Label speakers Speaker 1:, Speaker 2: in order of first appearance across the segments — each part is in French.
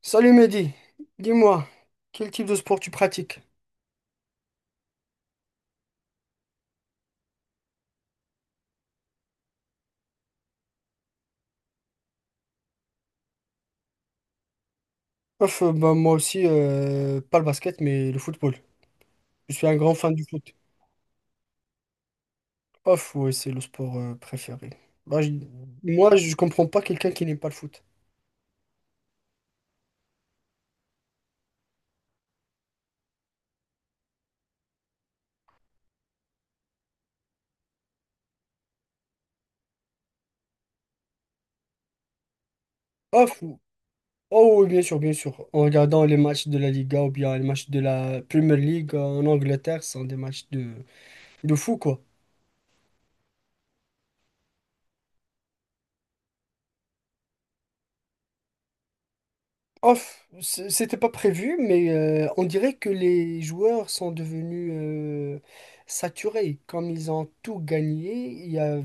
Speaker 1: Salut Mehdi, dis-moi, quel type de sport tu pratiques? Ouf, bah, moi aussi, pas le basket, mais le football. Je suis un grand fan du foot. Off, ouais, c'est le sport préféré. Bah, je- Moi, je comprends pas quelqu'un qui n'aime pas le foot. Off, oh oui, bien sûr, bien sûr. En regardant les matchs de la Liga ou bien les matchs de la Premier League en Angleterre, ce sont des de fou, quoi. Off, c'était pas prévu, mais on dirait que les joueurs sont devenus saturés. Comme ils ont tout gagné,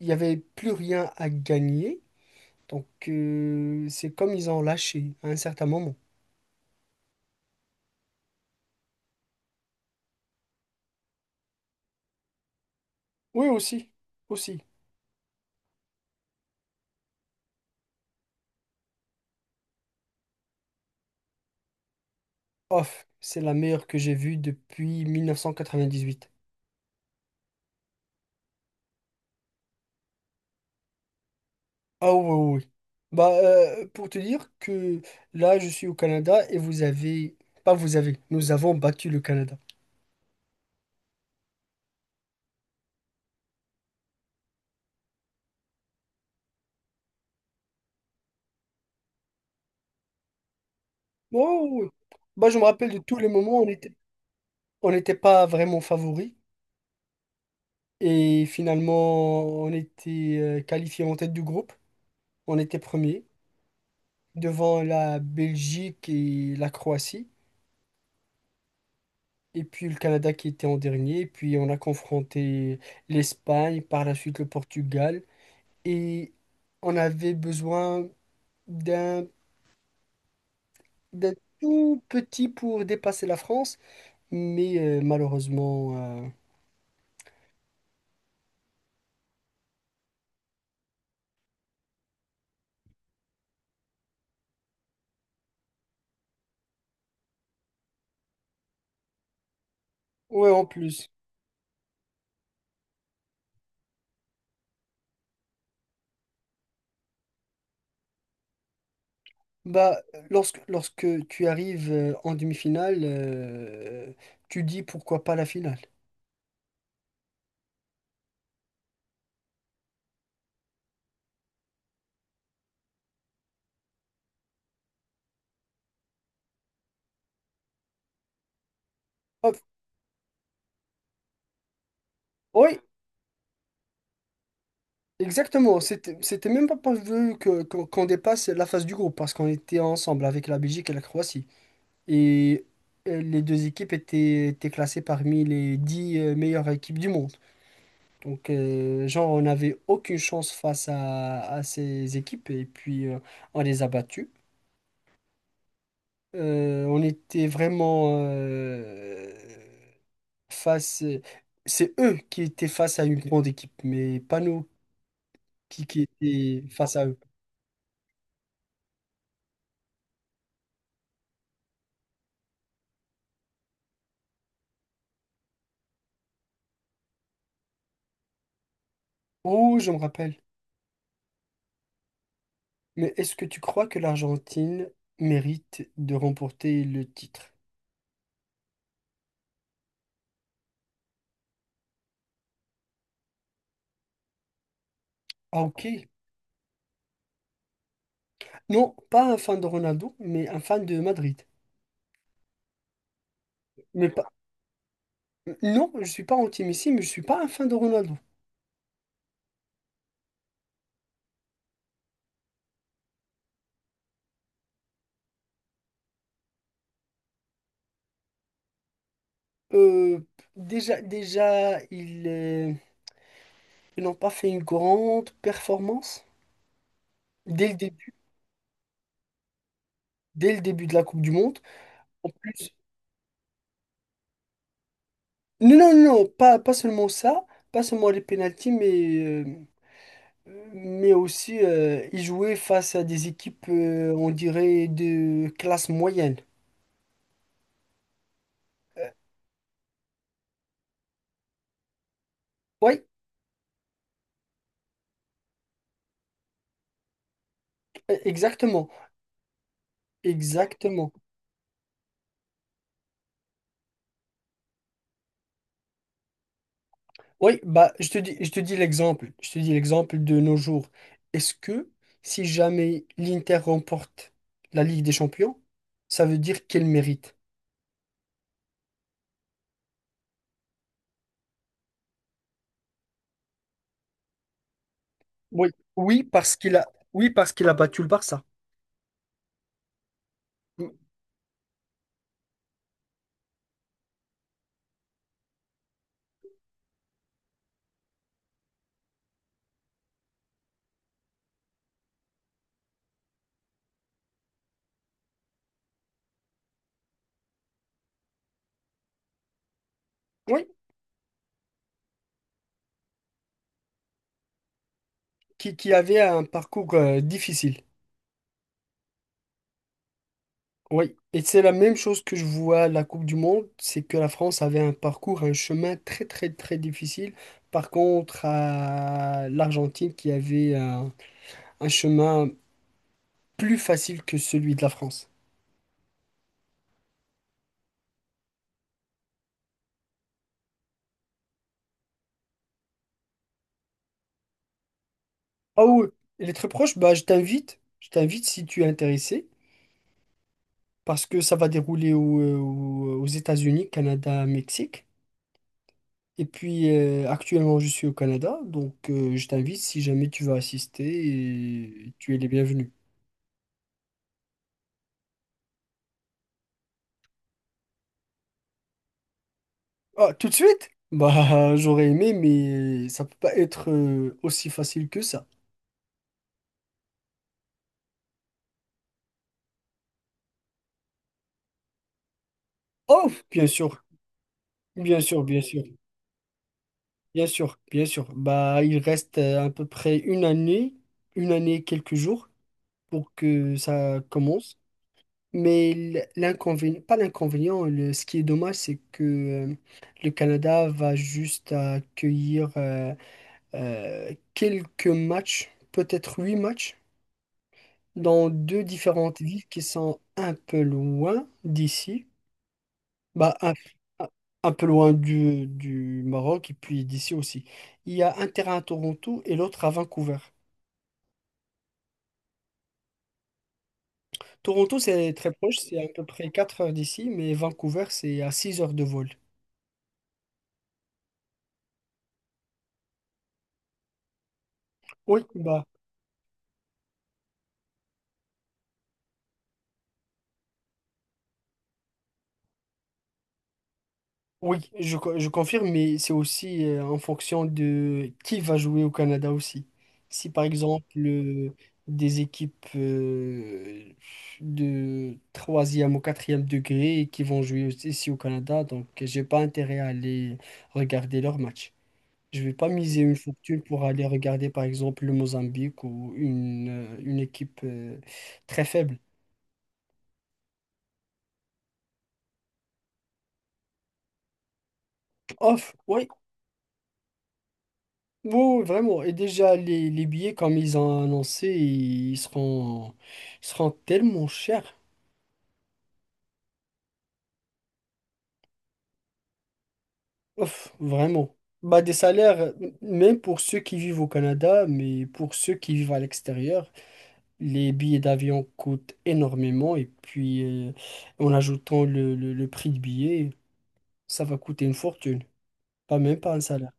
Speaker 1: il y avait plus rien à gagner. Donc c'est comme ils ont lâché à un certain moment. Oui, aussi, aussi. Off, c'est la meilleure que j'ai vue depuis 1998. Ah oui, oui, oui. Bah, pour te dire que là, je suis au Canada et vous avez... Pas vous avez, nous avons battu le Canada. Oh, oui. Bah, je me rappelle de tous les moments où on n'était pas vraiment favori. Et finalement, on était qualifié en tête du groupe. On était premier devant la Belgique et la Croatie. Et puis le Canada qui était en dernier. Et puis on a confronté l'Espagne, par la suite le Portugal. Et on avait besoin d'un d'un tout petit pour dépasser la France. Mais malheureusement, ouais, en plus. Bah, lorsque tu arrives en demi-finale, tu dis pourquoi pas la finale. Hop. Oui, exactement. C'était même pas prévu qu'on dépasse la phase du groupe parce qu'on était ensemble avec la Belgique et la Croatie. Et les deux étaient classées parmi les 10 meilleures équipes du monde. Donc, genre, on n'avait aucune chance à ces équipes et puis on les a battues. On était vraiment. Face, euh, c'est eux qui étaient face à une grande équipe, mais pas nous qui étaient face à eux. Oh, je me rappelle. Mais est-ce que tu crois que l'Argentine mérite de remporter le titre? Ah, ok. Non, pas un fan de Ronaldo, mais un fan de Madrid. Mais pas... Non, je suis pas anti-Messi, mais je suis pas un fan de Ronaldo. Euh, déjà, déjà, ils, euh, ils n'ont pas fait une grande performance dès le début, dès le début de la Coupe du Monde. En plus, non, non, non, pas seulement ça, pas seulement les pénaltys, mais aussi ils jouaient face à des équipes, on dirait, de classe moyenne. Oui, exactement, exactement. Oui, bah, je te dis l'exemple de nos jours. Est-ce que si jamais l'Inter remporte la Ligue des Champions, ça veut dire qu'elle mérite? Oui, oui, parce qu'il a, oui, parce qu'il a battu le Barça. Oui, qui avait un parcours difficile. Oui, et c'est la même chose que je vois à la Coupe du Monde, c'est que la France avait un un chemin très très très difficile. Par contre, à l'Argentine qui avait un chemin plus facile que celui de la France. Ah oui, il est très proche, je t'invite si tu es intéressé, parce que ça va dérouler aux États-Unis, Canada, Mexique. Et puis actuellement, je suis au Canada, donc je t'invite si jamais tu veux assister, et tu es les bienvenus. Ah, tout de suite? Bah, j'aurais aimé, mais ça peut pas être aussi facile que ça. Oh, bien sûr, bien sûr, bien sûr, bien sûr, bien sûr. Bah, il reste à peu près une année et quelques jours pour que ça commence. Mais l'inconvénient, pas l'inconvénient, ce qui est dommage, c'est que le Canada va juste accueillir quelques matchs, peut-être 8 matchs, dans deux différentes villes qui sont un peu loin d'ici, bah, un, un- un peu loin du Maroc et puis d'ici aussi. Il y a un terrain à Toronto et l'autre à Vancouver. Toronto, c'est très proche, c'est à peu près 4 heures d'ici, mais Vancouver, c'est à 6 heures de vol. Oui, bah. Oui, je confirme, mais c'est aussi en fonction de qui va jouer au Canada aussi. Si par exemple des équipes de troisième ou quatrième degré qui vont jouer aussi ici au Canada, donc j'ai pas intérêt à aller regarder leur match. Je vais pas miser une fortune pour aller regarder par exemple le Mozambique ou une équipe très faible. Off, oui, oui, vraiment. Et déjà, les billets, comme ils ont annoncé, ils seront tellement chers. Ouf, vraiment. Bah, des salaires, même pour ceux qui vivent au Canada, mais pour ceux qui vivent à l'extérieur, les billets d'avion coûtent énormément. Et puis, en ajoutant le prix de billet, ça va coûter une fortune. Pas même pas un salaire.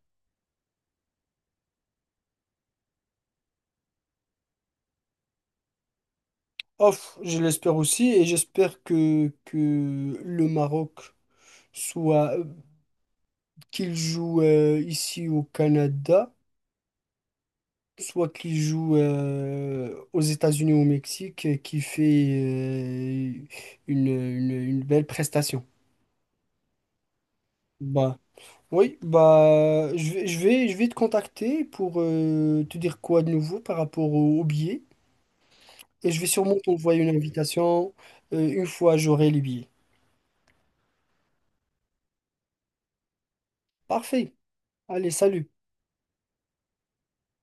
Speaker 1: Ouf, je l'espère aussi. Et j'espère que le Maroc soit qu'il joue ici au Canada, soit qu'il joue aux États-Unis ou au Mexique, et qui fait une belle prestation. Bah, oui, bah, je vais te contacter pour te dire quoi de nouveau par rapport au billet. Et je vais sûrement t'envoyer une invitation une fois j'aurai les billets. Parfait. Allez, salut.